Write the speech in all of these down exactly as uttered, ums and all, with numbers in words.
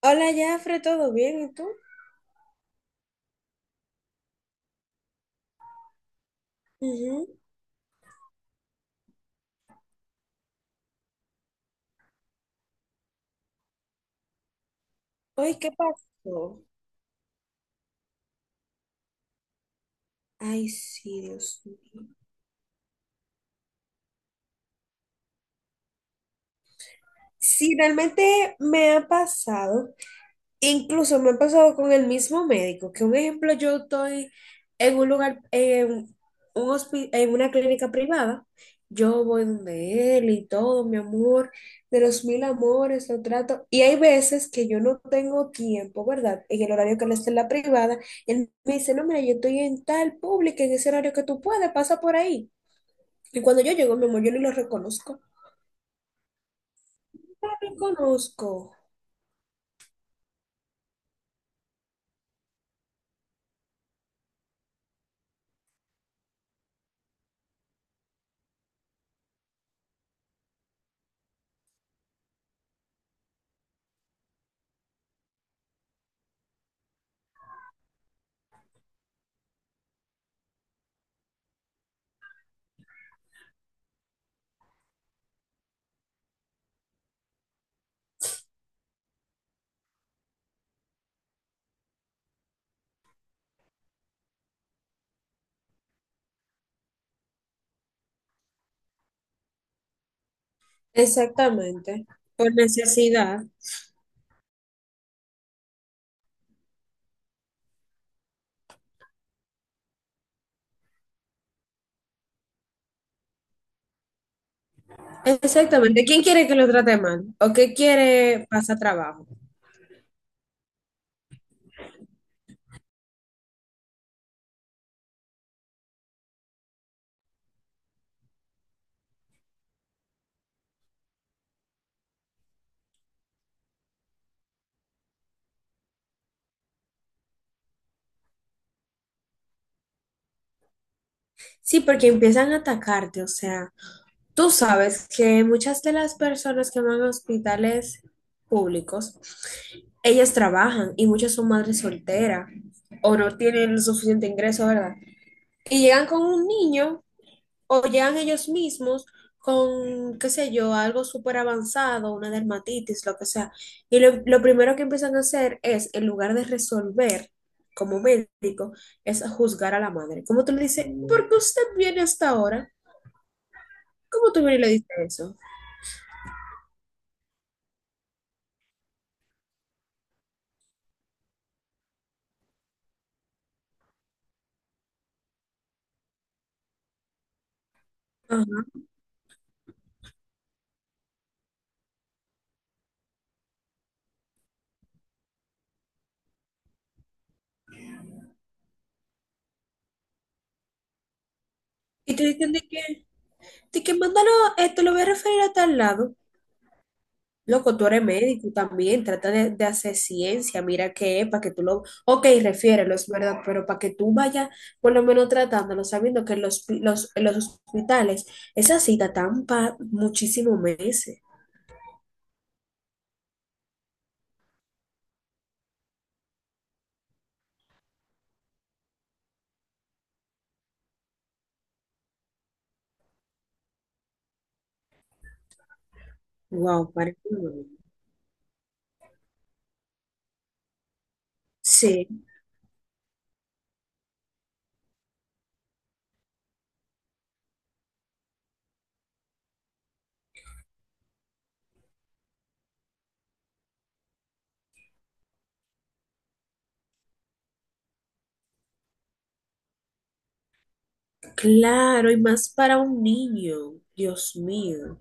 Hola, Jafre, ¿todo bien? ¿Y tú? Ujú. Oye, ¿qué pasó? Ay, sí, Dios mío. Sí, realmente me ha pasado. Incluso me ha pasado con el mismo médico, que un ejemplo, yo estoy en un lugar, en, un hospi- en una clínica privada, yo voy donde él y todo, mi amor, de los mil amores, lo trato, y hay veces que yo no tengo tiempo, ¿verdad? En el horario que él está en la privada, él me dice, no, mira, yo estoy en tal pública, en ese horario que tú puedes, pasa por ahí. Y cuando yo llego, mi amor, yo ni lo reconozco. No lo reconozco. Exactamente, por necesidad. Exactamente. ¿Quién quiere que lo trate mal? ¿O qué quiere pasar trabajo? Sí, porque empiezan a atacarte. O sea, tú sabes que muchas de las personas que van a hospitales públicos, ellas trabajan y muchas son madres solteras o no tienen el suficiente ingreso, ¿verdad? Y llegan con un niño. O llegan ellos mismos con, qué sé yo, algo súper avanzado, una dermatitis, lo que sea. Y lo, lo primero que empiezan a hacer es, en lugar de resolver como médico, es juzgar a la madre. Como tú le dices, ¿por qué usted viene hasta ahora? ¿Cómo tú vienes y le dices eso? Ajá. Y te dicen de que, de que mándalo, eh, te lo voy a referir a tal lado. Loco, tú eres médico también, trata de, de hacer ciencia, mira qué es, para que tú lo... Ok, refiérelo, es verdad, pero para que tú vayas por lo menos tratándolo, sabiendo que en los, pi- los, en los hospitales esa cita tan para muchísimos meses. Wow, para. Sí, claro, y más para un niño, Dios mío.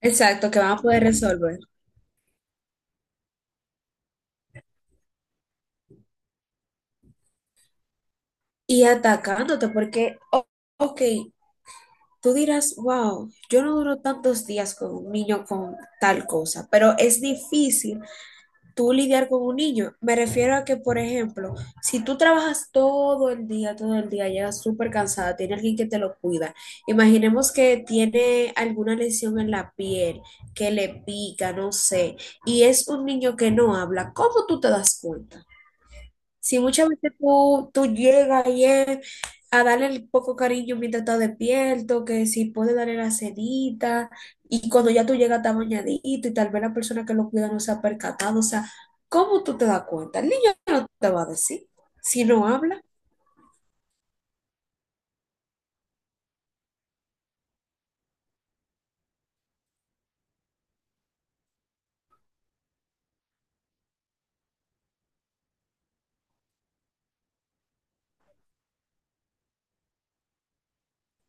Exacto, que van a poder resolver. Y atacándote, porque, o- ok, tú dirás, wow, yo no duro tantos días con un niño con tal cosa, pero es difícil tú lidiar con un niño. Me refiero a que, por ejemplo, si tú trabajas todo el día, todo el día, llegas súper cansada, tiene alguien que te lo cuida. Imaginemos que tiene alguna lesión en la piel, que le pica, no sé, y es un niño que no habla, ¿cómo tú te das cuenta? Si muchas veces tú, tú llegas y es a darle el poco cariño mientras está despierto, que si puede darle la sedita, y cuando ya tú llegas está bañadito y tal vez la persona que lo cuida no se ha percatado, o sea, ¿cómo tú te das cuenta? El niño no te va a decir si no habla.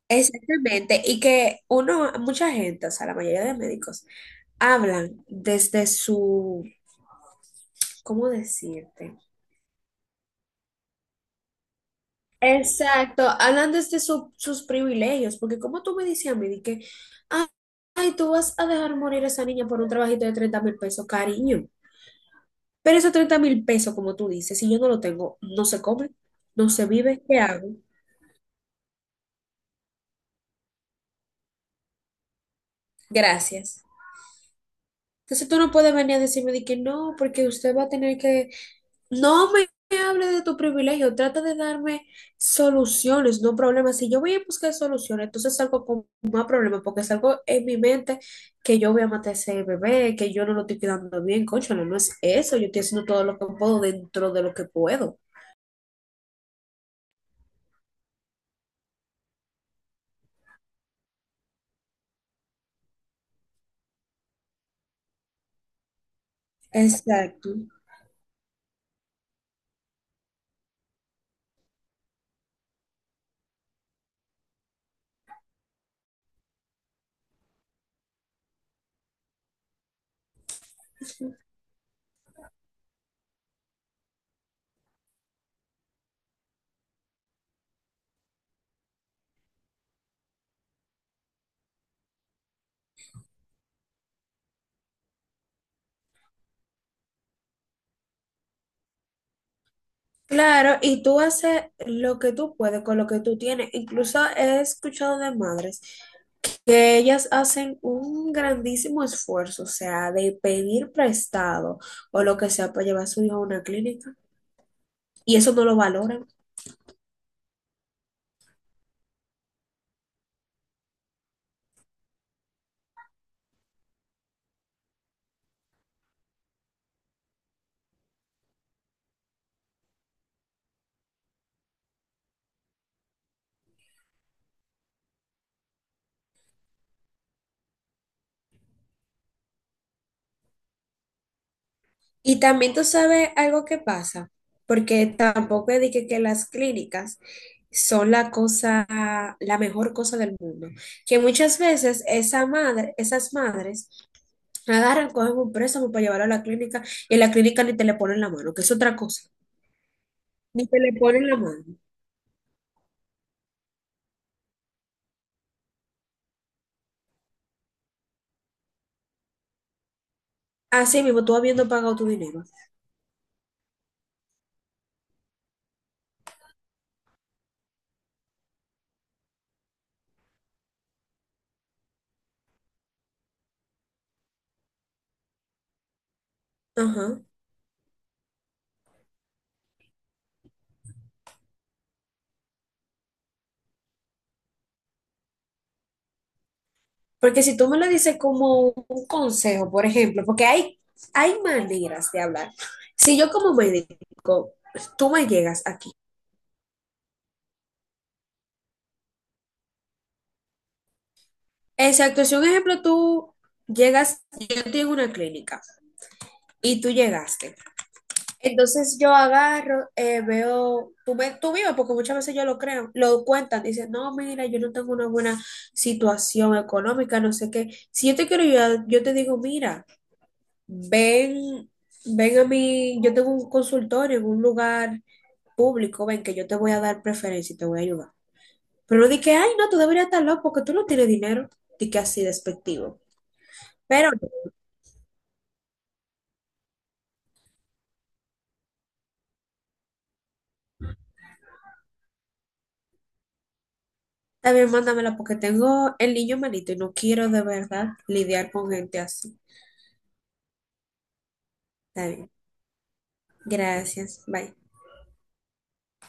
Exactamente, y que uno, mucha gente, o sea, la mayoría de médicos, hablan desde su, ¿cómo decirte? Exacto, hablan desde su- sus privilegios, porque como tú me decías a mí, de que, "Ah, ay, tú vas a dejar morir a esa niña por un trabajito de treinta mil pesos, cariño. Pero esos treinta mil pesos, como tú dices, si yo no lo tengo, no se come, no se vive, ¿qué hago?" Gracias. Entonces tú no puedes venir a decirme de que no, porque usted va a tener que... No me hable de tu privilegio, trata de darme soluciones, no problemas. Si yo voy a buscar soluciones, entonces salgo con más problemas, porque salgo en mi mente que yo voy a matar a ese bebé, que yo no lo estoy cuidando bien, cónchale, no no es eso, yo estoy haciendo todo lo que puedo dentro de lo que puedo. Exacto. Claro, y tú haces lo que tú puedes con lo que tú tienes. Incluso he escuchado de madres que ellas hacen un grandísimo esfuerzo, o sea, de pedir prestado o lo que sea para llevar a su hijo a una clínica, y eso no lo valoran. Y también tú sabes algo que pasa, porque tampoco es de que, que las clínicas son la cosa, la mejor cosa del mundo, que muchas veces esa madre, esas madres agarran, cogen un préstamo para llevarlo a la clínica y en la clínica ni te le ponen la mano, que es otra cosa, ni te le ponen la mano. Así mismo, tú habiendo pagado tu dinero. Ajá. Porque si tú me lo dices como un consejo, por ejemplo, porque hay, hay maneras de hablar. Si yo como médico, tú me llegas aquí. Exacto, si un ejemplo tú llegas, yo estoy en una clínica y tú llegaste. Entonces yo agarro, eh, veo, tú, me, tú vives, porque muchas veces yo lo creo, lo cuentan, dicen, no, mira, yo no tengo una buena situación económica, no sé qué. Si yo te quiero ayudar, yo te digo, mira, ven, ven a mí, yo tengo un consultorio en un lugar público, ven que yo te voy a dar preferencia y te voy a ayudar. Pero no di que ay, no, tú deberías estar loco porque tú no tienes dinero. Di que así despectivo. Pero también mándamela porque tengo el niño malito y no quiero de verdad lidiar con gente así. Está bien. Gracias. Bye.